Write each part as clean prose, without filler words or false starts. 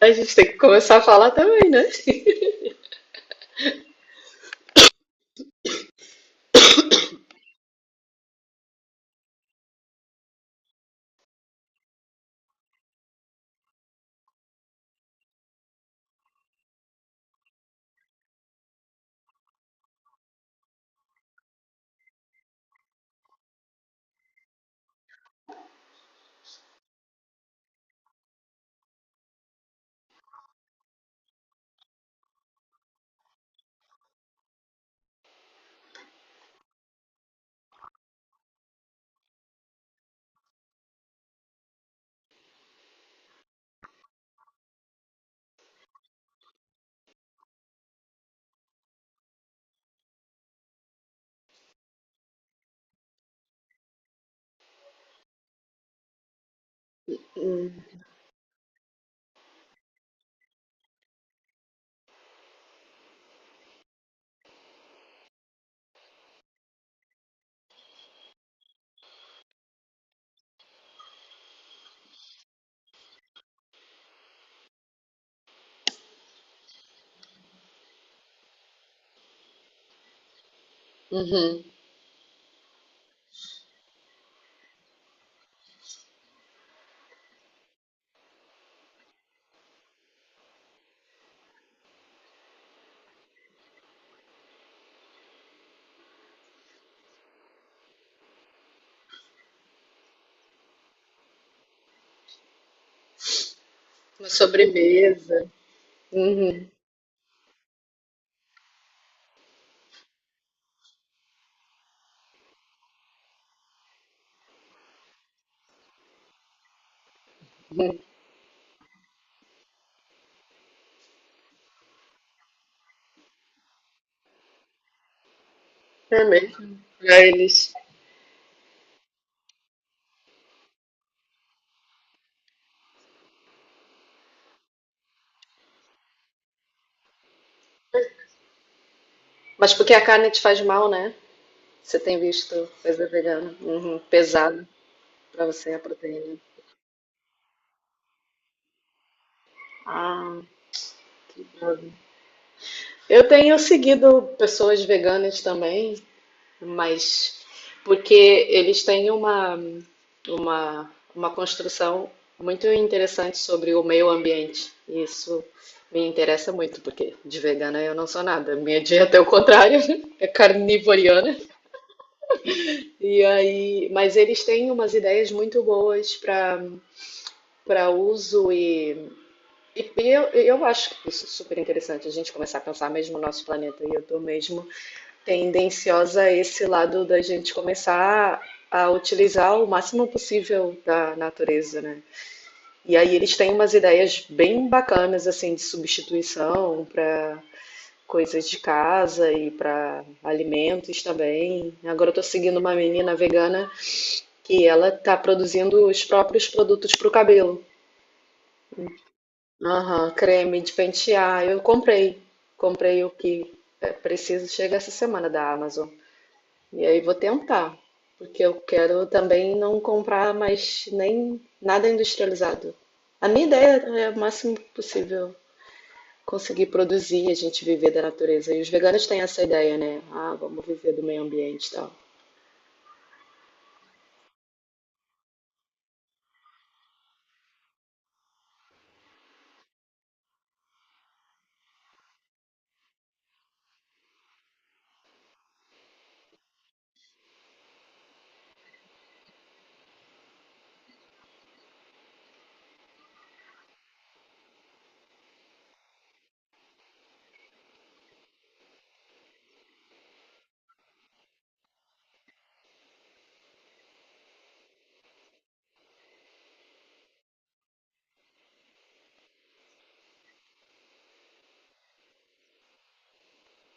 A gente tem que começar a falar também, né? Uhum. Uma sobremesa. Uhum. Uhum. É mesmo. Pra eles. Mas porque a carne te faz mal, né? Você tem visto coisa vegana. Uhum. Pesado pra você a proteína. Ah, eu tenho seguido pessoas veganas também mas porque eles têm uma construção muito interessante sobre o meio ambiente. E isso me interessa muito, porque de vegana eu não sou nada. Minha dieta é o contrário, é carnivoriana. E aí, mas eles têm umas ideias muito boas para uso e eu acho que isso é super interessante a gente começar a pensar mesmo no nosso planeta. E eu estou mesmo tendenciosa a esse lado da gente começar a utilizar o máximo possível da natureza, né? E aí eles têm umas ideias bem bacanas assim de substituição para coisas de casa e para alimentos também. Agora eu tô seguindo uma menina vegana que ela tá produzindo os próprios produtos para o cabelo. Aham, creme de pentear. Comprei o que é preciso, chega essa semana da Amazon. E aí vou tentar, porque eu quero também não comprar mais nem nada industrializado. A minha ideia é o máximo possível conseguir produzir e a gente viver da natureza. E os veganos têm essa ideia, né? Ah, vamos viver do meio ambiente e tal.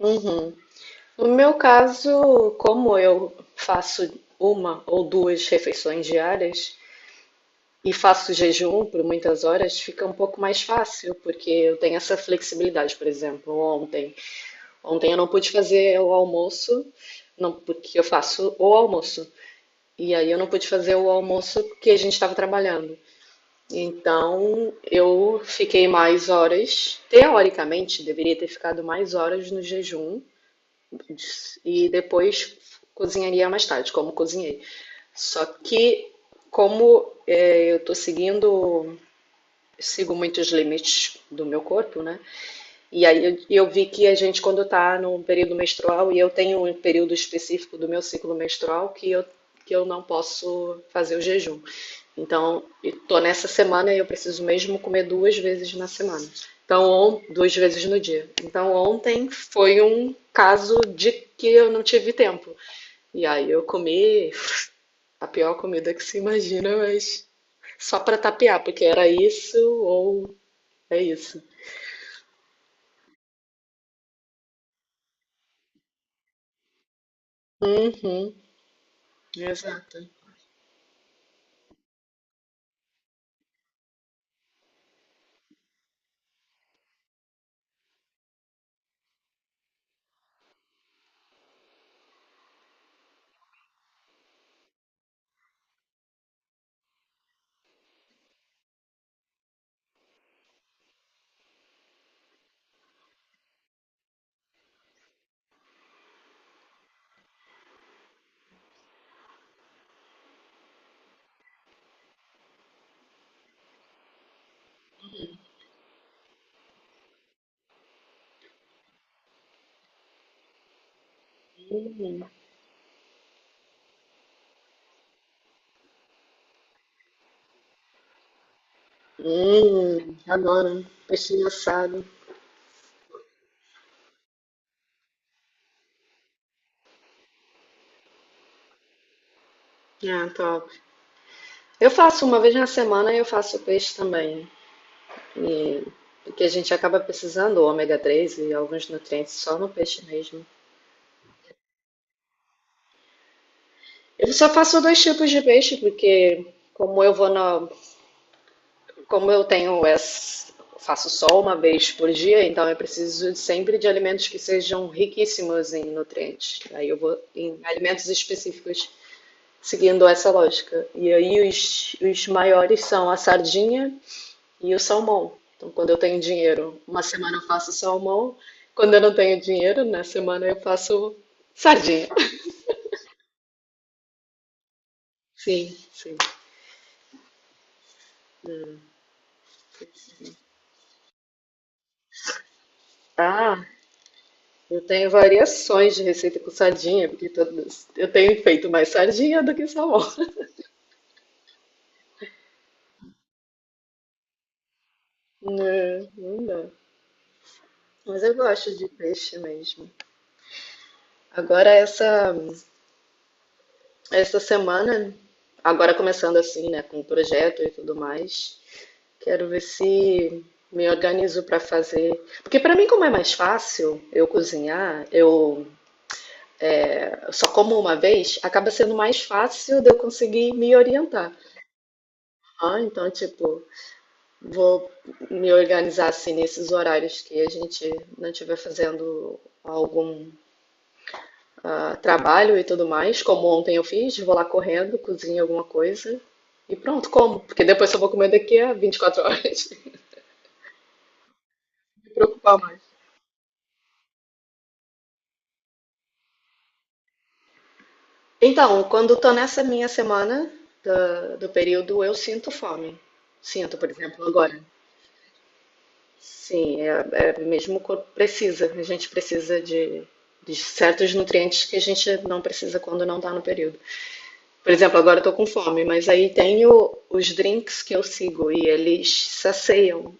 Uhum. No meu caso, como eu faço uma ou duas refeições diárias e faço jejum por muitas horas, fica um pouco mais fácil, porque eu tenho essa flexibilidade. Por exemplo, ontem eu não pude fazer o almoço, não, porque eu faço o almoço. E aí eu não pude fazer o almoço porque a gente estava trabalhando. Então eu fiquei mais horas, teoricamente deveria ter ficado mais horas no jejum e depois cozinharia mais tarde, como cozinhei. Só que como é, sigo muitos limites do meu corpo, né? E aí eu vi que a gente, quando está num período menstrual, e eu tenho um período específico do meu ciclo menstrual que eu não posso fazer o jejum. Então, estou nessa semana e eu preciso mesmo comer duas vezes na semana. Duas vezes no dia. Então, ontem foi um caso de que eu não tive tempo. E aí eu comi a pior comida que se imagina, mas só para tapear, porque era isso, ou é isso. Uhum, exato. Uhum. Adoro. Peixinho assado. Ah, top. Eu faço uma vez na semana e eu faço peixe também. E, porque a gente acaba precisando do ômega 3 e alguns nutrientes só no peixe mesmo. Eu só faço dois tipos de peixe, porque como eu vou na, como eu tenho essa, faço só uma vez por dia, então eu preciso sempre de alimentos que sejam riquíssimos em nutrientes. Aí eu vou em alimentos específicos, seguindo essa lógica. E aí os maiores são a sardinha e o salmão. Então, quando eu tenho dinheiro, uma semana eu faço salmão. Quando eu não tenho dinheiro, na semana eu faço sardinha. Sim, sim. Ah, eu tenho variações de receita com sardinha, porque todas, eu tenho feito mais sardinha do que salmão. Não, não dá. Mas eu gosto de peixe mesmo. Agora, essa semana, agora começando assim, né, com o projeto e tudo mais, quero ver se me organizo para fazer. Porque para mim, como é mais fácil eu cozinhar, eu só como uma vez, acaba sendo mais fácil de eu conseguir me orientar. Ah, então, tipo, vou me organizar assim nesses horários que a gente não estiver fazendo algum ah, trabalho e tudo mais, como ontem eu fiz, vou lá correndo, cozinho alguma coisa e pronto, como. Porque depois só vou comer daqui a 24 horas, me preocupar mais. Então, quando estou nessa minha semana do período, eu sinto fome. Sinto, por exemplo, agora. Sim, é, é mesmo o corpo precisa. A gente precisa de certos nutrientes que a gente não precisa quando não está no período. Por exemplo, agora estou com fome, mas aí tenho os drinks que eu sigo e eles saciam,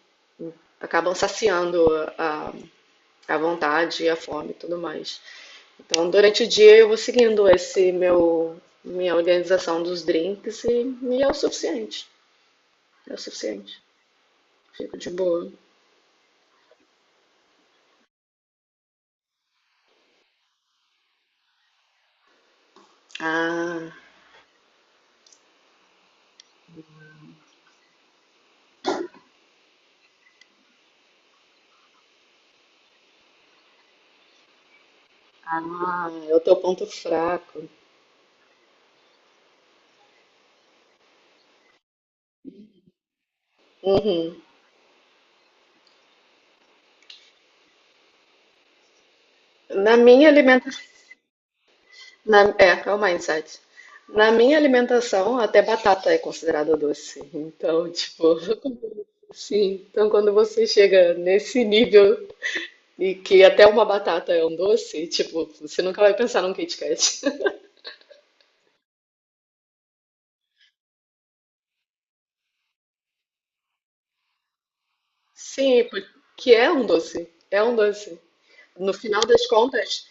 acabam saciando a, a vontade, e a fome e tudo mais. Então, durante o dia eu vou seguindo esse meu minha organização dos drinks e é o suficiente. É o suficiente. Fico de boa. Ah, É o teu ponto fraco. Uhum. Na minha alimentação. Na, é, calma aí, insight. Na minha alimentação, até batata é considerada doce. Então, tipo, sim. Então, quando você chega nesse nível e que até uma batata é um doce, tipo, você nunca vai pensar num Kit Kat. Sim, porque é um doce, é um doce. No final das contas,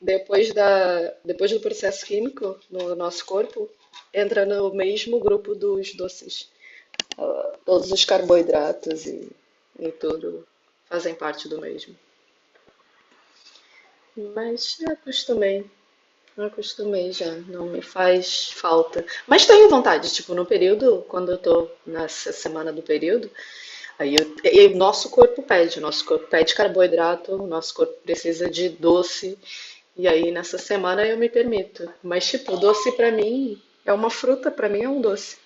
depois do processo químico no nosso corpo, entra no mesmo grupo dos doces. Ah, todos os carboidratos e tudo fazem parte do mesmo. Mas já acostumei, já acostumei já, não me faz falta. Mas tenho vontade, tipo, no período, quando eu tô nessa semana do período, aí e o nosso corpo pede, o nosso corpo pede carboidrato, o nosso corpo precisa de doce. E aí nessa semana eu me permito. Mas tipo, doce pra mim é uma fruta, pra mim é um doce.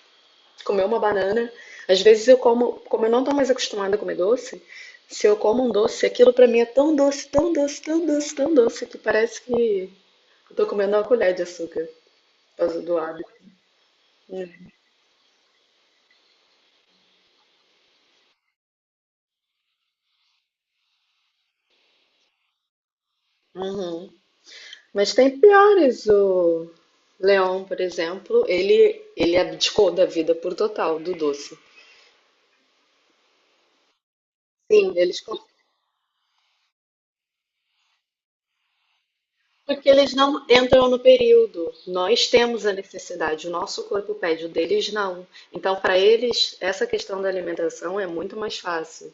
Comer uma banana, às vezes eu como, como eu não tô mais acostumada a comer doce, se eu como um doce, aquilo pra mim é tão doce, tão doce, tão doce, tão doce que parece que eu tô comendo uma colher de açúcar por causa do hábito. Uhum. Mas tem piores. O Leon, por exemplo, ele abdicou da vida por total, do doce. Sim, eles con- Porque eles não entram no período. Nós temos a necessidade, o nosso corpo pede, o deles não. Então, para eles, essa questão da alimentação é muito mais fácil.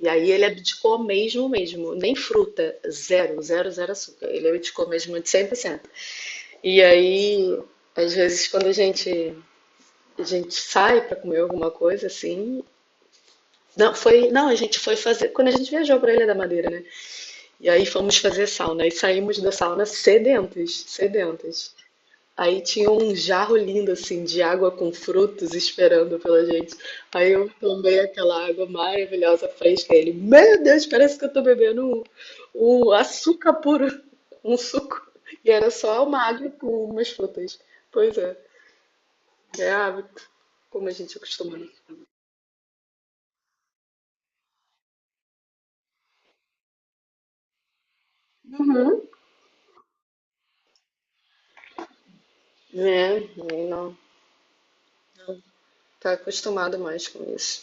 E aí ele abdicou mesmo, mesmo. Nem fruta, zero, zero, zero açúcar. Ele abdicou mesmo de 100%. E aí, às vezes, quando a gente sai para comer alguma coisa assim, Não, foi, não, a gente foi fazer quando a gente viajou para Ilha da Madeira, né? E aí fomos fazer sauna e saímos da sauna sedentas, sedentas. Aí tinha um jarro lindo assim de água com frutos esperando pela gente. Aí eu tomei aquela água maravilhosa fresca. Ele, meu Deus, parece que eu tô bebendo um açúcar puro, um suco. E era só uma água com umas frutas. Pois é, é hábito, como a gente acostuma, né? É, não, tá acostumado mais com isso.